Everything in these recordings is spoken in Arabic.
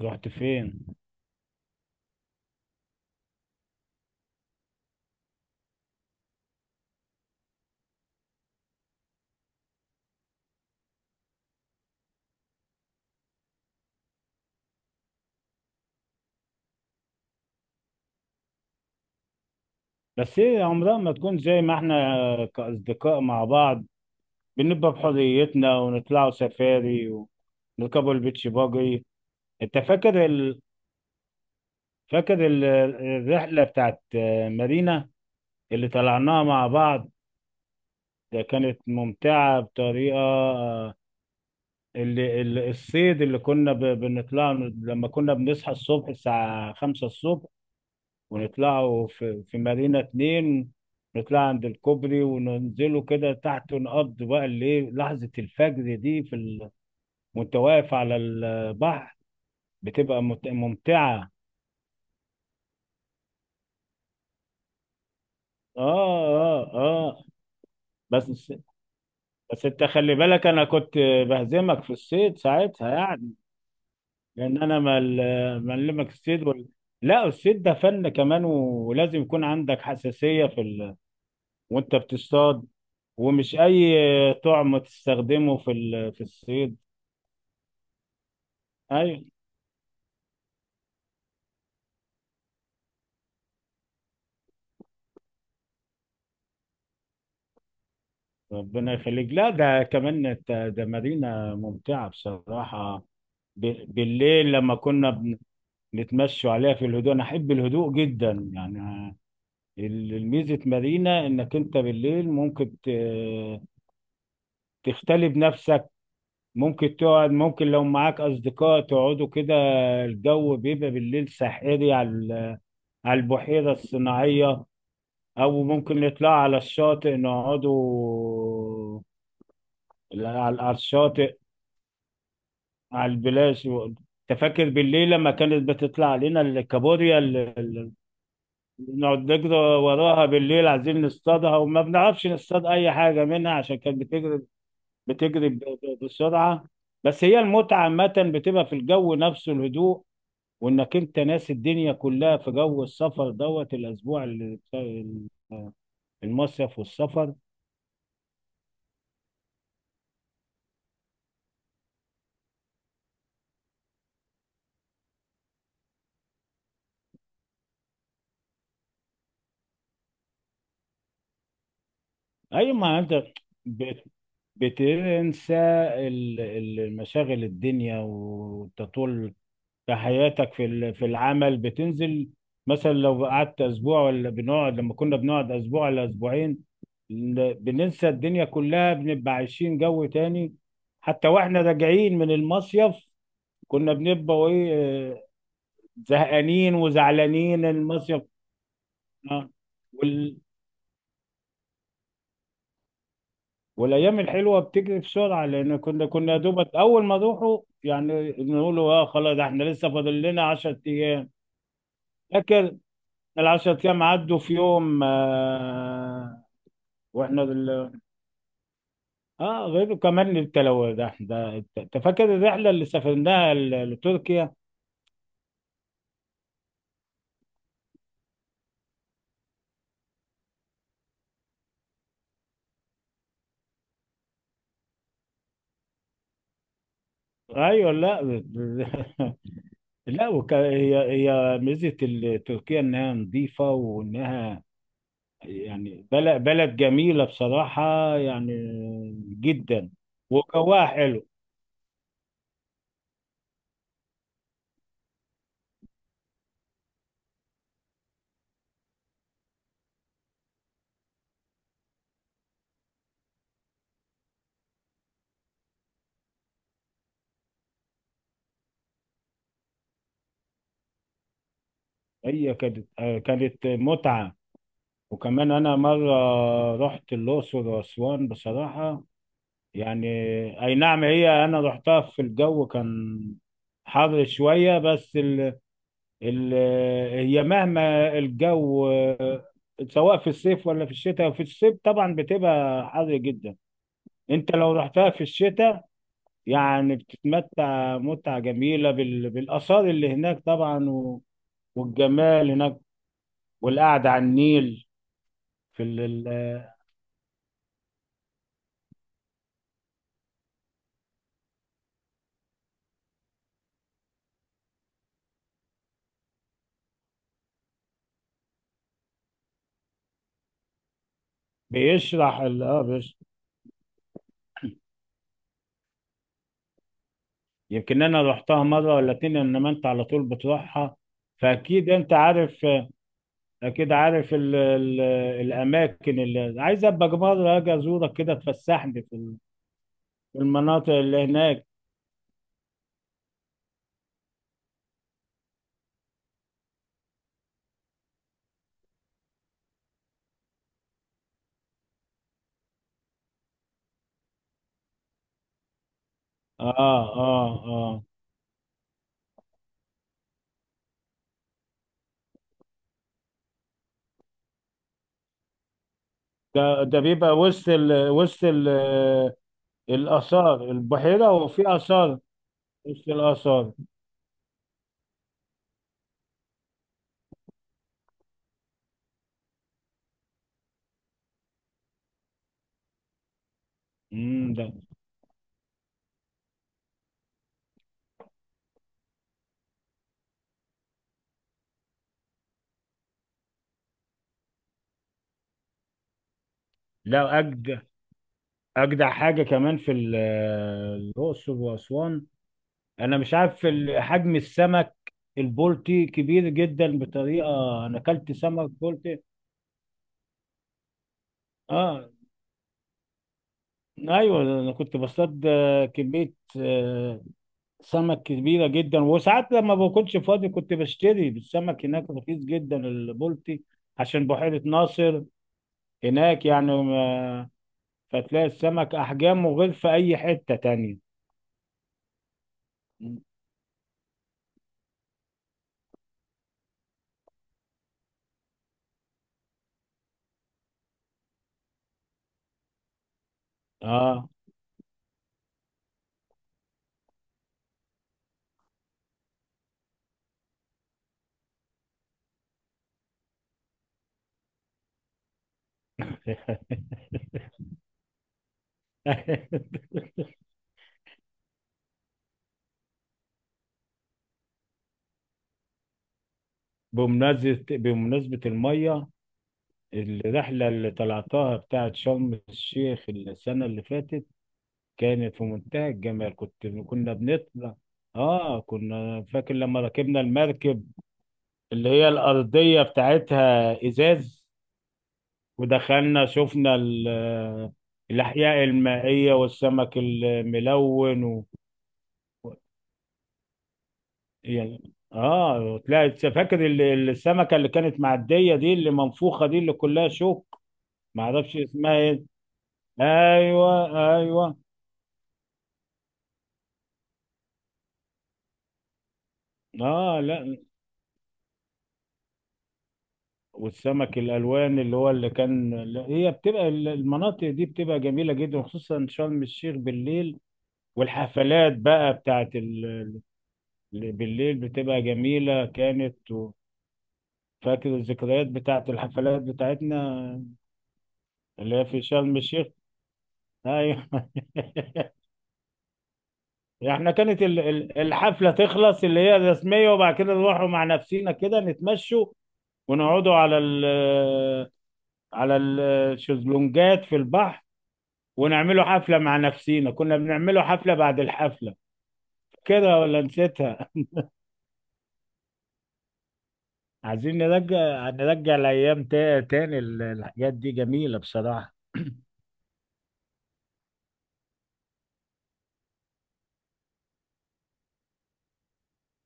رحت فين؟ بس ايه، عمرها ما تكون زي ما احنا كأصدقاء مع بعض. بنبقى بحريتنا ونطلعوا سفاري ونركبوا البيتش باجي. انت فاكر الرحلة بتاعت مارينا اللي طلعناها مع بعض. ده كانت ممتعة بطريقة. الصيد اللي كنا بنطلع. لما كنا بنصحى الصبح الساعة 5 الصبح ونطلعوا في مارينا 2، نطلع عند الكوبري وننزلوا كده تحت ونقضي بقى الليل لحظة الفجر دي. وانت واقف على البحر، بتبقى ممتعة. اه، اه، اه. بس، بس، انت خلي بالك، انا كنت بهزمك في الصيد ساعتها يعني. لان انا معلمك الصيد. لا، الصيد ده فن كمان ولازم يكون عندك حساسية. وانت بتصطاد، ومش اي طعم تستخدمه في الصيد. ايوه. ربنا يخليك. لا، ده كمان ده مدينة ممتعة بصراحة. بالليل لما كنا نتمشوا عليها في الهدوء، انا احب الهدوء جدا يعني. الميزة مدينة انك انت بالليل ممكن تختلي بنفسك. ممكن تقعد، ممكن لو معاك اصدقاء تقعدوا كده. الجو بيبقى بالليل ساحري على البحيرة الصناعية. او ممكن نطلع على الشاطئ، نقعدوا على على الشاطئ، على البلاش. تفكر بالليل لما كانت بتطلع علينا الكابوريا اللي نقعد نجري وراها بالليل عايزين نصطادها، وما بنعرفش نصطاد اي حاجه منها عشان كانت بتجري، بتجري بسرعه. بس هي المتعه عامه بتبقى في الجو نفسه، الهدوء، وانك انت ناسي الدنيا كلها في جو السفر دوت الاسبوع بتاع المصيف والسفر. اي ما انت بت- بتنسى مشاغل الدنيا، وانت طول في حياتك في العمل بتنزل. مثلا لو قعدت اسبوع، ولا بنقعد، لما كنا بنقعد اسبوع ولا اسبوعين، بننسى الدنيا كلها، بنبقى عايشين جو تاني. حتى واحنا راجعين من المصيف، كنا بنبقى ايه؟ آه، زهقانين وزعلانين المصيف آه، والايام الحلوه بتجري بسرعه، لان كنا يا دوبك اول ما نروحوا يعني نقولوا: اه خلاص، ده احنا لسه فاضل لنا 10 ايام. فاكر ال 10 ايام عدوا في يوم، آه. واحنا. اه، غير كمان التلو ده. انت فاكر الرحله اللي سافرناها لتركيا؟ ايوه. لا. لا، هي ميزه تركيا انها نظيفه وانها يعني بلد جميلة بصراحة يعني، جدا، وجواها حلو. هي كانت كانت متعة. وكمان أنا مرة رحت الأقصر وأسوان بصراحة يعني. أي نعم، هي أنا رحتها في الجو، كان حر شوية بس ال... هي مهما الجو، سواء في الصيف ولا في الشتاء. في الصيف طبعا بتبقى حر جدا. انت لو رحتها في الشتاء يعني بتتمتع متعة جميلة بالآثار اللي هناك طبعا والجمال هناك، والقعدة على النيل في ال... ال... بيشرح ال... اه بيش... يمكن أنا رحتها مرة ولا اتنين، إنما أنت على طول بتروحها، فأكيد أنت عارف. أكيد عارف الأماكن اللي عايز أبقى مرة أجي أزورك كده، تفسحني في المناطق اللي هناك. آه، آه، آه. ده بيبقى وسط الآثار، البحيرة وفي آثار وسط الآثار. ده. لا، أجدع أجدع حاجة كمان الأقصر وأسوان. أنا مش عارف حجم السمك. البلطي كبير جدا بطريقة أنا أكلت سمك بلطي. آه. أيوه، أنا كنت بصطاد كمية آه، سمك كبيرة جدا. وساعات لما بكونش فاضي كنت بشتري السمك هناك، رخيص جدا البلطي عشان بحيرة ناصر. هناك، يعني، فتلاقي السمك احجامه غير في اي حتة تانية. مم. اه. بمناسبة المية. الرحلة اللي طلعتها بتاعت شرم الشيخ السنة اللي فاتت كانت في منتهى الجمال. كنا بنطلع. اه. كنا فاكر لما ركبنا المركب اللي هي الأرضية بتاعتها إزاز، ودخلنا، شفنا الأحياء المائية والسمك الملون. يعني، اه تلاقي، فاكر السمكه اللي كانت معديه دي، اللي منفوخه دي، اللي كلها شوك. ما اعرفش اسمها ايه؟ ايوه، ايوه. اه. لا. والسمك الالوان اللي هو اللي كان، لا، هي بتبقى المناطق دي بتبقى جميله جدا، خصوصا شرم الشيخ بالليل. والحفلات بقى بتاعت اللي بالليل بتبقى جميله، كانت. فاكر الذكريات بتاعت الحفلات بتاعتنا اللي هي في شرم الشيخ. ايوه. يعني احنا كانت الحفلة تخلص، اللي هي الرسمية، وبعد كده نروحوا مع نفسينا كده، نتمشوا ونقعدوا على الشезلونجات في البحر، ونعملوا حفلة مع نفسينا، كنا بنعملوا حفلة بعد الحفلة كده، ولا نسيتها؟ عايزين نرجع الأيام تاني، الحاجات دي جميلة بصراحة.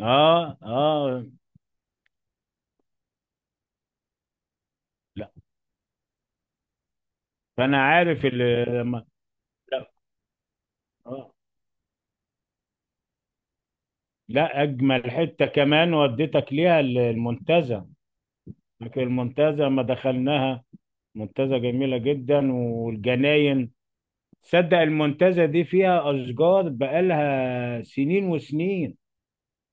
اه، اه. لا، فأنا عارف اللي لما. لا. آه. لا، أجمل حتة كمان وديتك ليها المنتزه، لكن المنتزه ما دخلناها. منتزه جميله جدا والجناين. تصدق المنتزه دي فيها اشجار بقالها سنين وسنين.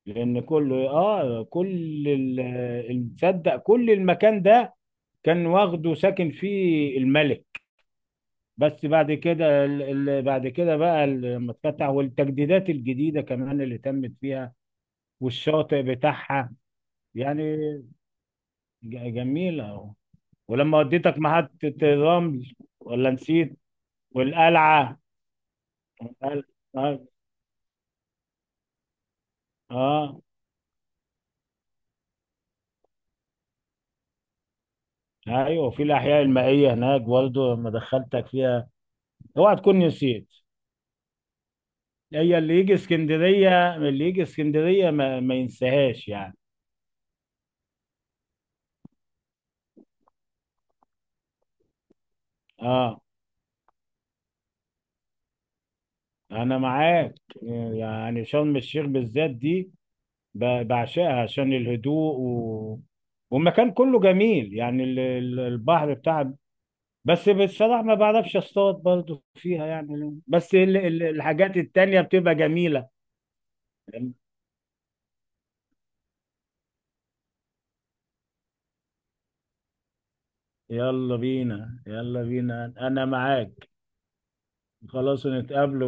لان كل اه كل ال- تصدق كل المكان ده كان واخده، ساكن فيه الملك. بس بعد كده بقى لما اتفتح والتجديدات الجديده كمان اللي تمت فيها، والشاطئ بتاعها يعني جميله. ولما وديتك محطة الرمل، ولا نسيت؟ والقلعة. القلعة. اه. آه. ايوه. وفي الاحياء المائية هناك برضه لما دخلتك فيها، اوعى تكون نسيت. هي اللي يجي اسكندرية، اللي يجي اسكندرية ما ينساهاش يعني. اه. انا معاك. يعني شرم الشيخ بالذات دي بعشقها عشان الهدوء والمكان كله جميل يعني، البحر بتاعها. بس بصراحة ما بعرفش اصطاد برضو فيها يعني، بس الحاجات التانية بتبقى جميلة. يلا بينا، يلا بينا، انا معاك. خلاص، نتقابل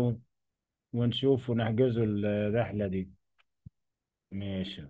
ونشوف ونحجزوا الرحلة دي. ماشي.